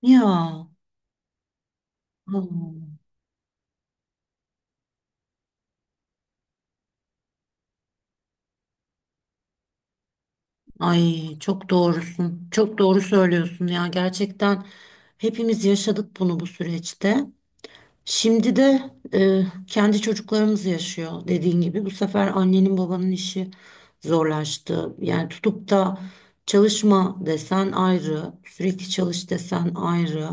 Ya. Allah. Ay çok doğrusun. Çok doğru söylüyorsun ya. Gerçekten hepimiz yaşadık bunu bu süreçte. Şimdi de kendi çocuklarımız yaşıyor dediğin gibi. Bu sefer annenin babanın işi zorlaştı. Yani tutup da çalışma desen ayrı, sürekli çalış desen ayrı.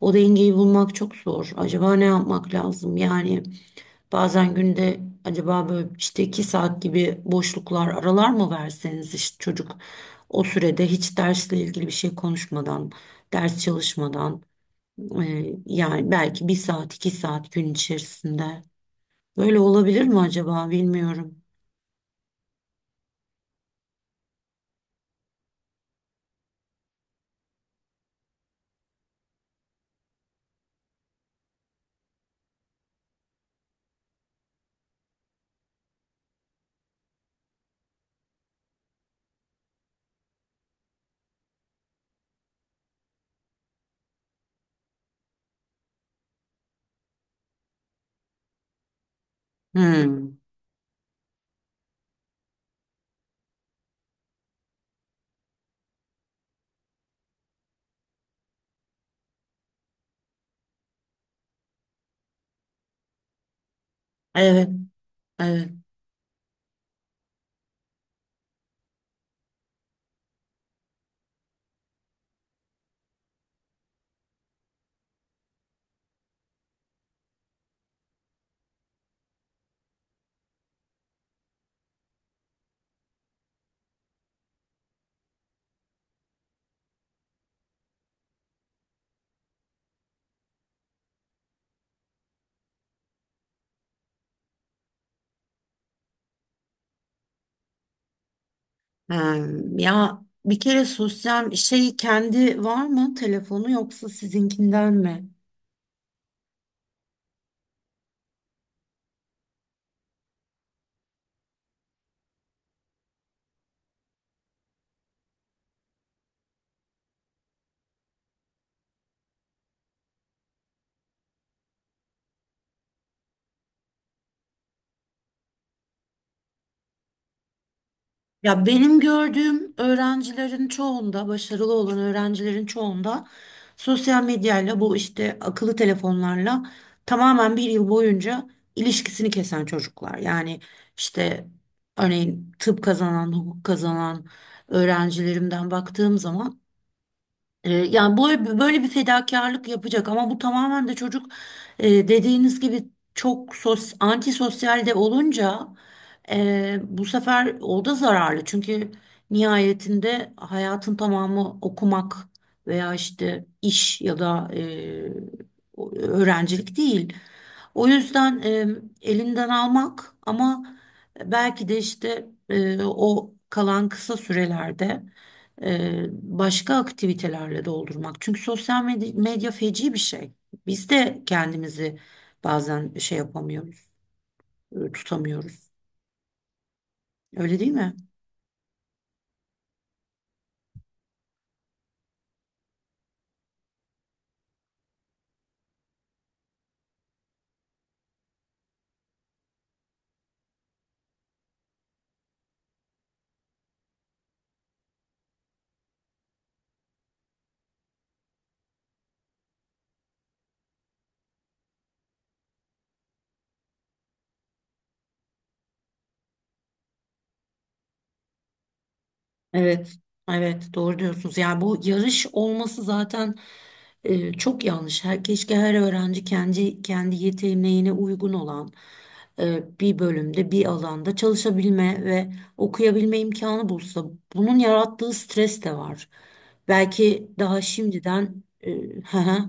O dengeyi bulmak çok zor. Acaba ne yapmak lazım? Yani bazen günde acaba böyle işte iki saat gibi boşluklar aralar mı verseniz, işte çocuk o sürede hiç dersle ilgili bir şey konuşmadan, ders çalışmadan, e, yani belki bir saat iki saat gün içerisinde böyle olabilir mi acaba, bilmiyorum. Hmm. Evet, evet. Ha. Ya bir kere sosyal şey, kendi var mı telefonu yoksa sizinkinden mi? Ya benim gördüğüm öğrencilerin çoğunda, başarılı olan öğrencilerin çoğunda sosyal medyayla, bu işte akıllı telefonlarla tamamen bir yıl boyunca ilişkisini kesen çocuklar. Yani işte örneğin tıp kazanan, hukuk kazanan öğrencilerimden baktığım zaman, yani böyle, böyle bir fedakarlık yapacak ama bu tamamen de çocuk, dediğiniz gibi çok sos, antisosyal de olunca bu sefer o da zararlı. Çünkü nihayetinde hayatın tamamı okumak veya işte iş ya da öğrencilik değil. O yüzden elinden almak ama belki de işte o kalan kısa sürelerde başka aktivitelerle doldurmak. Çünkü sosyal medya, medya feci bir şey. Biz de kendimizi bazen şey yapamıyoruz, tutamıyoruz. Öyle değil mi? Evet, evet doğru diyorsunuz. Yani bu yarış olması zaten çok yanlış. Her, keşke her öğrenci kendi kendi yeteneğine uygun olan bir bölümde, bir alanda çalışabilme ve okuyabilme imkanı bulsa. Bunun yarattığı stres de var. Belki daha şimdiden hı hı,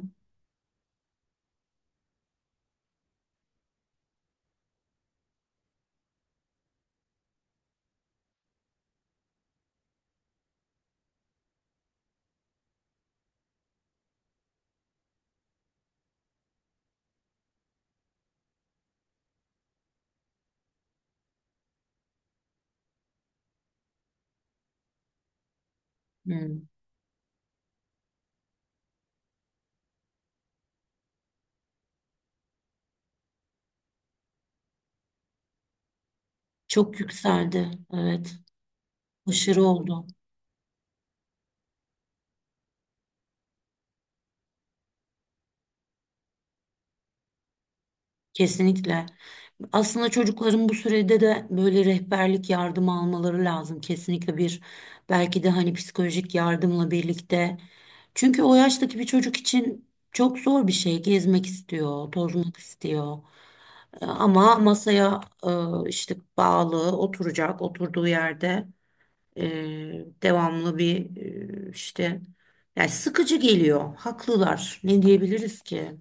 hmm, çok yükseldi. Evet, aşırı oldu. Kesinlikle. Aslında çocukların bu sürede de böyle rehberlik yardımı almaları lazım. Kesinlikle bir, belki de hani psikolojik yardımla birlikte. Çünkü o yaştaki bir çocuk için çok zor bir şey. Gezmek istiyor, tozmak istiyor. E, ama masaya işte bağlı oturacak, oturduğu yerde e, devamlı bir işte, yani sıkıcı geliyor. Haklılar. Ne diyebiliriz ki?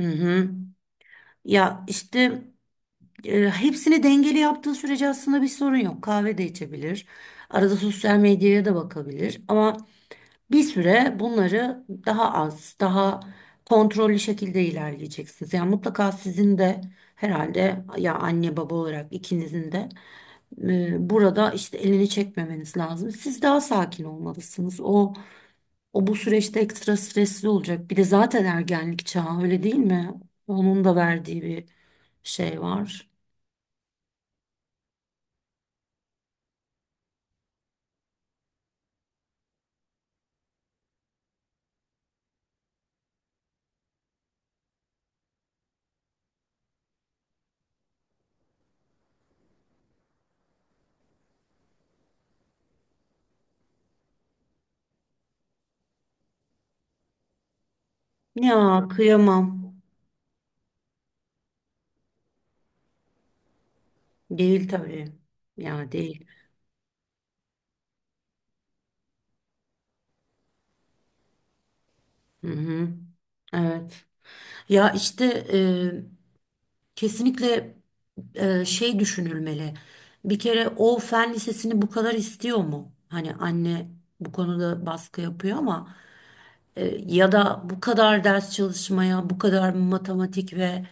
Hı hı. Ya işte, hepsini dengeli yaptığı sürece aslında bir sorun yok. Kahve de içebilir. Arada sosyal medyaya da bakabilir. Ama bir süre bunları daha az, daha kontrollü şekilde ilerleyeceksiniz. Yani mutlaka sizin de herhalde, ya anne baba olarak ikinizin de burada işte elini çekmemeniz lazım. Siz daha sakin olmalısınız. O bu süreçte ekstra stresli olacak. Bir de zaten ergenlik çağı öyle değil mi? Onun da verdiği bir şey var. Ya kıyamam. Değil tabii. Ya değil. Hı hı. Evet. Ya işte e, kesinlikle şey düşünülmeli. Bir kere o fen lisesini bu kadar istiyor mu? Hani anne bu konuda baskı yapıyor ama, ya da bu kadar ders çalışmaya, bu kadar matematik ve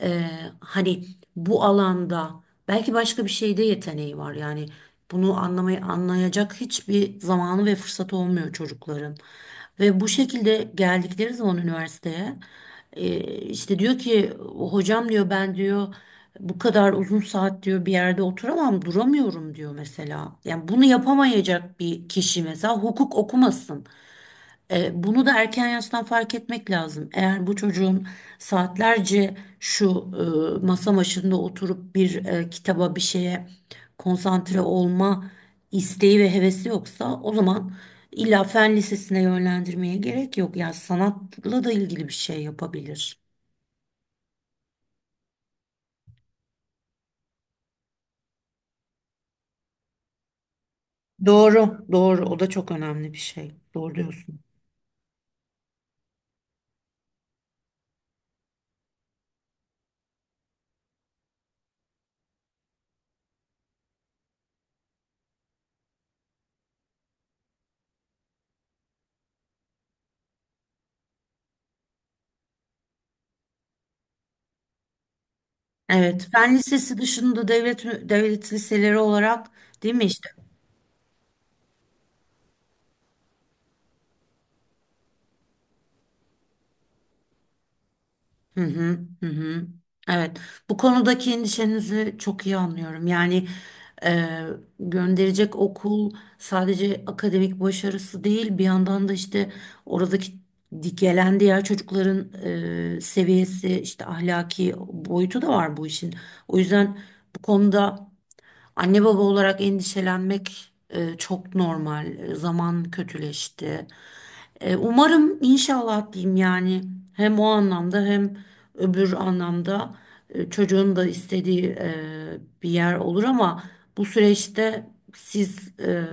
e, hani bu alanda belki başka bir şeyde yeteneği var. Yani bunu anlamayı anlayacak hiçbir zamanı ve fırsatı olmuyor çocukların. Ve bu şekilde geldikleri zaman üniversiteye işte diyor ki, hocam diyor, ben diyor bu kadar uzun saat diyor bir yerde oturamam, duramıyorum diyor mesela. Yani bunu yapamayacak bir kişi mesela hukuk okumasın. E, bunu da erken yaştan fark etmek lazım. Eğer bu çocuğun saatlerce şu masa başında oturup bir kitaba, bir şeye konsantre olma isteği ve hevesi yoksa, o zaman illa fen lisesine yönlendirmeye gerek yok. Yani sanatla da ilgili bir şey yapabilir. Doğru, doğru. O da çok önemli bir şey. Doğru diyorsun. Evet, fen lisesi dışında devlet liseleri olarak, değil mi işte? Hı hı, hı hı. Evet, bu konudaki endişenizi çok iyi anlıyorum. Yani e, gönderecek okul sadece akademik başarısı değil, bir yandan da işte oradaki gelen diğer çocukların seviyesi, işte ahlaki boyutu da var bu işin. O yüzden bu konuda anne baba olarak endişelenmek çok normal. E, zaman kötüleşti. E, umarım, inşallah diyeyim yani hem o anlamda hem öbür anlamda çocuğun da istediği bir yer olur ama bu süreçte siz,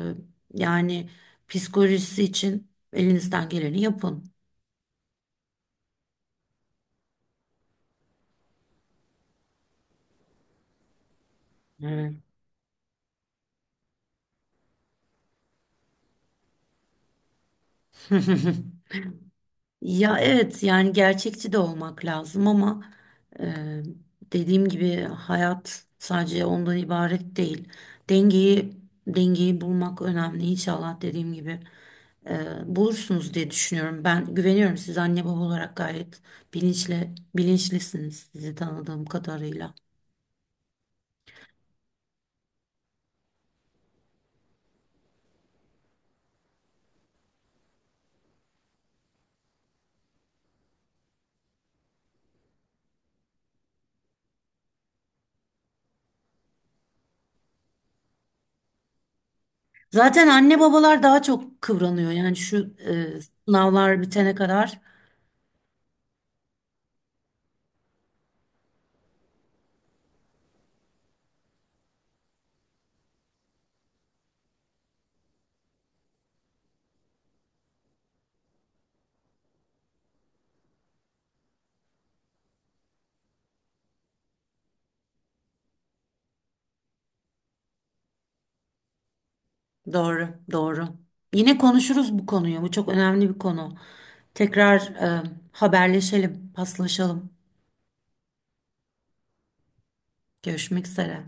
yani psikolojisi için elinizden geleni yapın. Ya evet, yani gerçekçi de olmak lazım ama e, dediğim gibi hayat sadece ondan ibaret değil. Dengeyi Dengeyi bulmak önemli, inşallah dediğim gibi bulursunuz diye düşünüyorum. Ben güveniyorum, siz anne baba olarak gayet bilinçlisiniz sizi tanıdığım kadarıyla. Zaten anne babalar daha çok kıvranıyor. Yani şu sınavlar bitene kadar doğru, doğru. Yine konuşuruz bu konuyu. Bu çok önemli bir konu. Tekrar haberleşelim, paslaşalım. Görüşmek üzere.